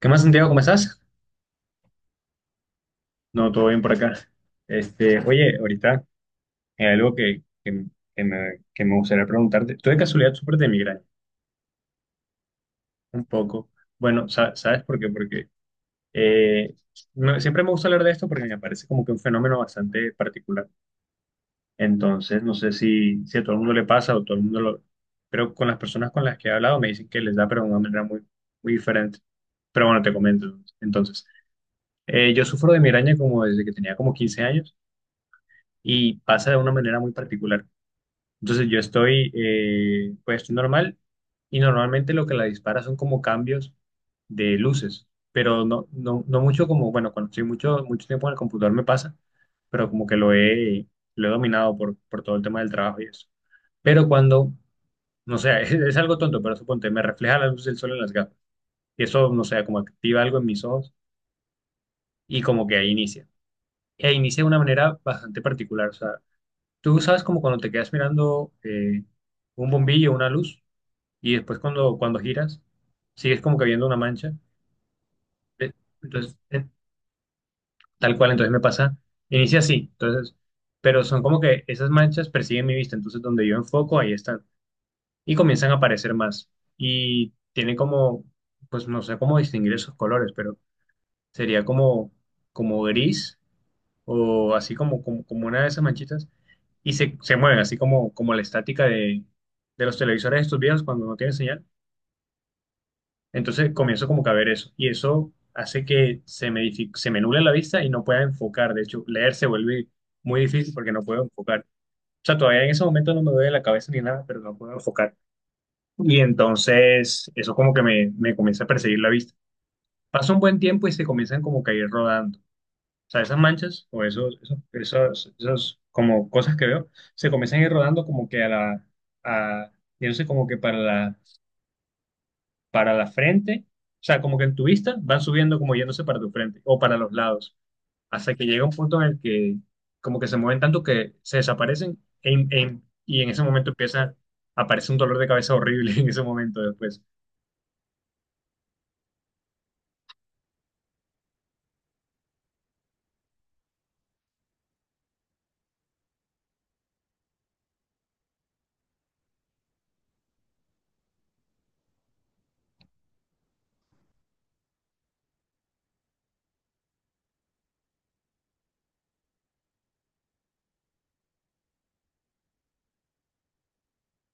¿Qué más, Santiago? ¿Cómo estás? No, todo bien por acá. Oye, ahorita hay algo que me gustaría preguntarte. ¿Tú de casualidad sufres de migraña? Un poco. Bueno, ¿sabes por qué? Porque eh, siempre me gusta hablar de esto porque me parece como que un fenómeno bastante particular. Entonces, no sé si a todo el mundo le pasa o todo el mundo lo. Pero con las personas con las que he hablado me dicen que les da, pero de una manera muy, muy diferente. Pero bueno, te comento. Entonces, yo sufro de migraña como desde que tenía como 15 años. Y pasa de una manera muy particular. Entonces, pues estoy normal, y normalmente lo que la dispara son como cambios de luces, pero no mucho como, bueno, cuando estoy mucho, mucho tiempo en el computador me pasa, pero como que lo he dominado por todo el tema del trabajo y eso. Pero cuando, no sé, es algo tonto, pero suponte, me refleja la luz del sol en las gafas y eso, no sé, como activa algo en mis ojos y como que ahí inicia. E inicia de una manera bastante particular, o sea, tú sabes como cuando te quedas mirando un bombillo, una luz, y después cuando giras, sigues como que viendo una mancha. Eh, Entonces, tal cual, entonces me pasa, inicia así, entonces, pero son como que esas manchas persiguen mi vista, entonces donde yo enfoco, ahí están, y comienzan a aparecer más. Y tiene como, pues no sé cómo distinguir esos colores, pero sería como, como gris o así como una de esas manchitas, y se mueven, así como la estática de los televisores estos viejos cuando no tienen señal. Entonces comienzo como que a ver eso, y eso hace que se me, se me nuble la vista y no pueda enfocar. De hecho, leer se vuelve muy difícil porque no puedo enfocar. O sea, todavía en ese momento no me duele la cabeza ni nada, pero no puedo enfocar. Y entonces eso como que me comienza a perseguir la vista. Pasa un buen tiempo y se comienzan como que a ir rodando. O sea, esas manchas o esos como cosas que veo, se comienzan a ir rodando como que a, yo no sé, como que para la frente, o sea, como que en tu vista van subiendo como yéndose para tu frente o para los lados, hasta que llega un punto en el que como que se mueven tanto que se desaparecen y en ese momento empieza, aparece un dolor de cabeza horrible en ese momento después,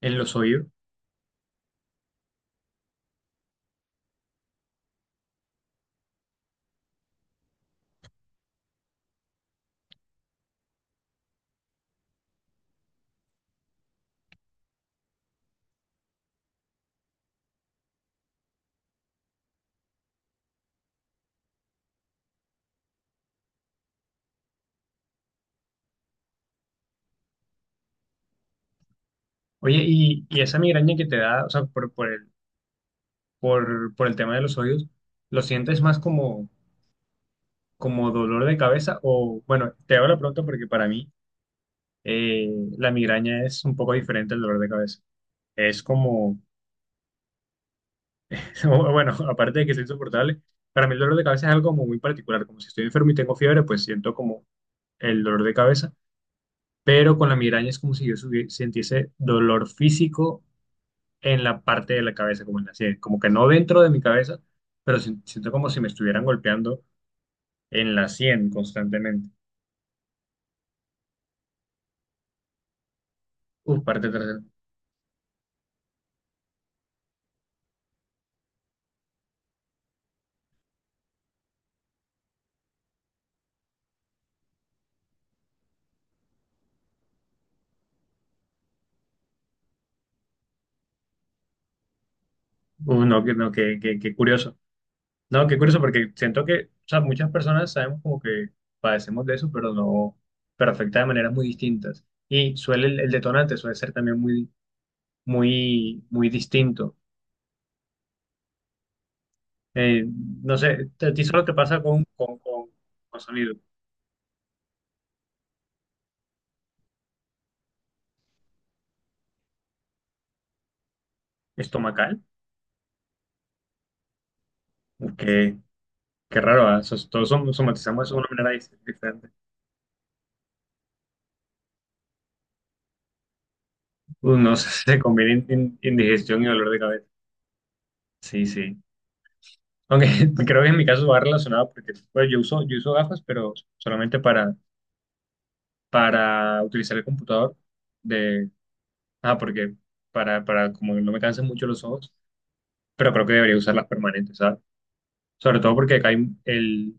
en los oídos. Oye, y esa migraña que te da, o sea, por el tema de los oídos, ¿lo sientes más como dolor de cabeza o, bueno, te hago la pregunta porque para mí eh, la migraña es un poco diferente al dolor de cabeza? Es como, bueno, aparte de que es insoportable, para mí el dolor de cabeza es algo como muy particular, como si estoy enfermo y tengo fiebre, pues siento como el dolor de cabeza, pero con la migraña es como si yo sintiese dolor físico en la parte de la cabeza, como en la sien, como que no dentro de mi cabeza, pero siento como si me estuvieran golpeando en la sien constantemente. Uf, parte trasera. Uf, no, no, qué curioso. No, qué curioso, porque siento que, o sea, muchas personas sabemos como que padecemos de eso, pero no, pero afecta de maneras muy distintas. Y suele, el detonante suele ser también muy, muy, muy distinto. Eh, no sé, ¿a ti solo te pasa con sonido estomacal? Qué, qué raro, ¿ah? Todos somatizamos eso de una manera diferente. Uno se conviene en indigestión y dolor de cabeza. Sí, sí. Aunque creo que en mi caso va relacionado porque pues, yo uso gafas, pero solamente para utilizar el computador de, porque para como no me cansen mucho los ojos, pero creo que debería usar las permanentes, ¿sabes? Sobre todo porque acá hay el,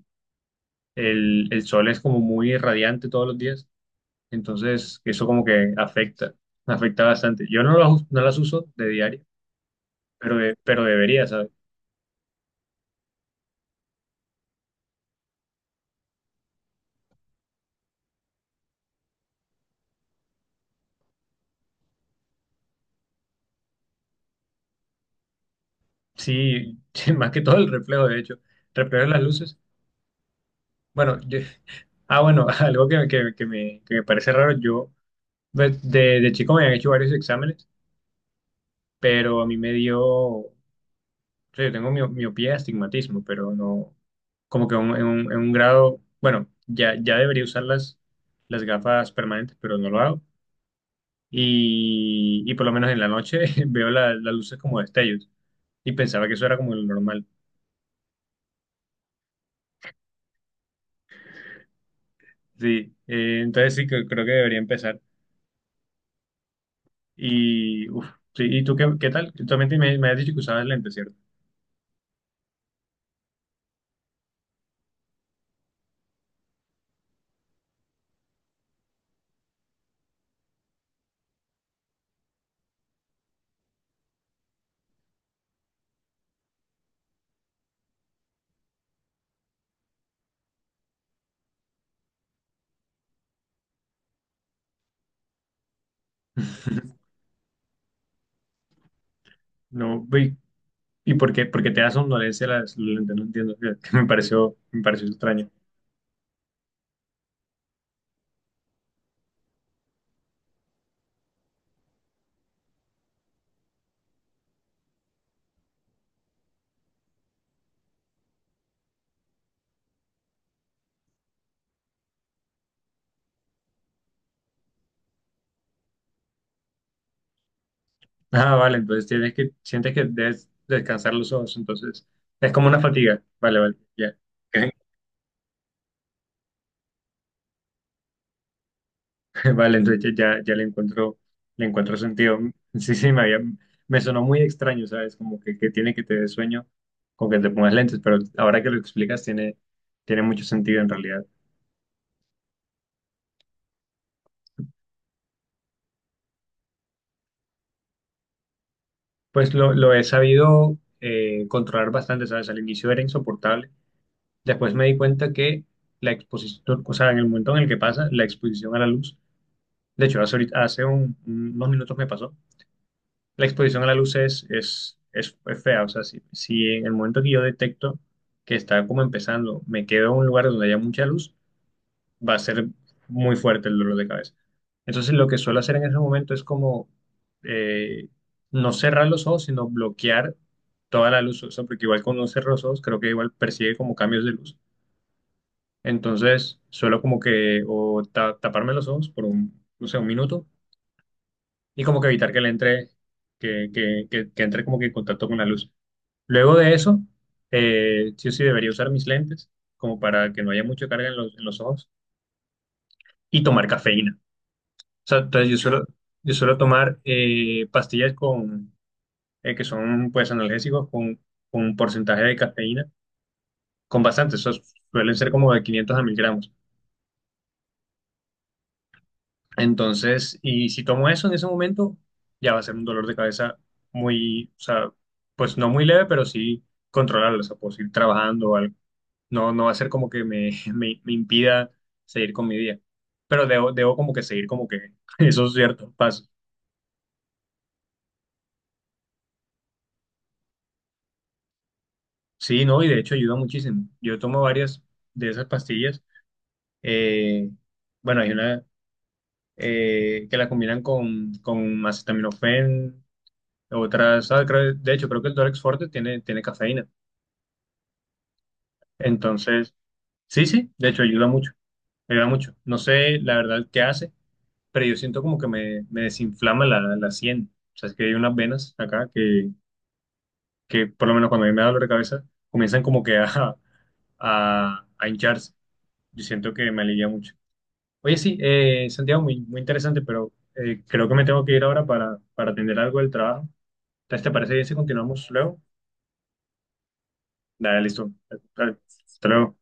el sol es como muy radiante todos los días, entonces eso como que afecta, afecta bastante. Yo no las uso de diario, pero, pero debería, ¿sabes? Sí, sí, más que todo el reflejo, de hecho, reflejo de las luces. Bueno, algo que me parece raro, yo de chico me han hecho varios exámenes, pero a mí me dio, o sea, yo tengo miopía, astigmatismo, pero no, como que en un grado, bueno, ya, ya debería usar las gafas permanentes, pero no lo hago. Y por lo menos en la noche veo las luces como destellos y pensaba que eso era como lo normal. Sí, entonces sí, creo que debería empezar. Y, uf, sí, ¿y tú qué tal? Tú también me has dicho que usabas lentes, ¿cierto? No, ¿y por qué te da somnolencia las lentes? No entiendo, que me pareció extraño. Ah, vale, entonces sientes que debes descansar los ojos, entonces es como una fatiga. Vale, vale, ya. Vale, entonces ya, ya le encuentro sentido. Sí, sí, me sonó muy extraño, ¿sabes? Como que tiene que te dé sueño con que te pongas lentes, pero ahora que lo explicas tiene mucho sentido en realidad. Pues lo he sabido controlar bastante, ¿sabes? Al inicio era insoportable. Después me di cuenta que la exposición, o sea, en el momento en el que pasa, la exposición a la luz. De hecho, hace unos minutos me pasó. La exposición a la luz es fea. O sea, si en el momento que yo detecto que está como empezando, me quedo en un lugar donde haya mucha luz, va a ser muy fuerte el dolor de cabeza. Entonces, lo que suelo hacer en ese momento es como eh, no cerrar los ojos, sino bloquear toda la luz. O sea, porque igual cuando uno cierra los ojos, creo que igual percibe como cambios de luz. Entonces, suelo como que taparme los ojos por un, no sé, un minuto y como que evitar que le entre, que entre como que en contacto con la luz. Luego de eso, sí o sí debería usar mis lentes como para que no haya mucha carga en los ojos y tomar cafeína. O sea, entonces yo suelo tomar pastillas que son pues analgésicos con un porcentaje de cafeína, con bastante, esos suelen ser como de 500 a 1.000 gramos. Entonces, y si tomo eso en ese momento, ya va a ser un dolor de cabeza muy, o sea, pues no muy leve, pero sí controlarlo, o sea, puedo seguir trabajando o algo. No, no va a ser como que me impida seguir con mi día, pero debo como que seguir como que esos ciertos pasos. Sí, no, y de hecho ayuda muchísimo. Yo tomo varias de esas pastillas. eh, bueno, Hay una que la combinan con acetaminofén, otras, de hecho creo que el Dolex Forte tiene cafeína. Entonces, sí, sí, de hecho ayuda mucho, ayuda mucho. No sé la verdad qué hace, pero yo siento como que me desinflama la sien. O sea, es que hay unas venas acá que por lo menos cuando a mí me da dolor de cabeza, comienzan como que a hincharse. Yo siento que me alivia mucho. Oye, sí, Santiago, muy, muy interesante, pero creo que me tengo que ir ahora para atender algo del trabajo. Entonces, ¿te parece bien si continuamos luego? Dale, listo. Dale, hasta luego.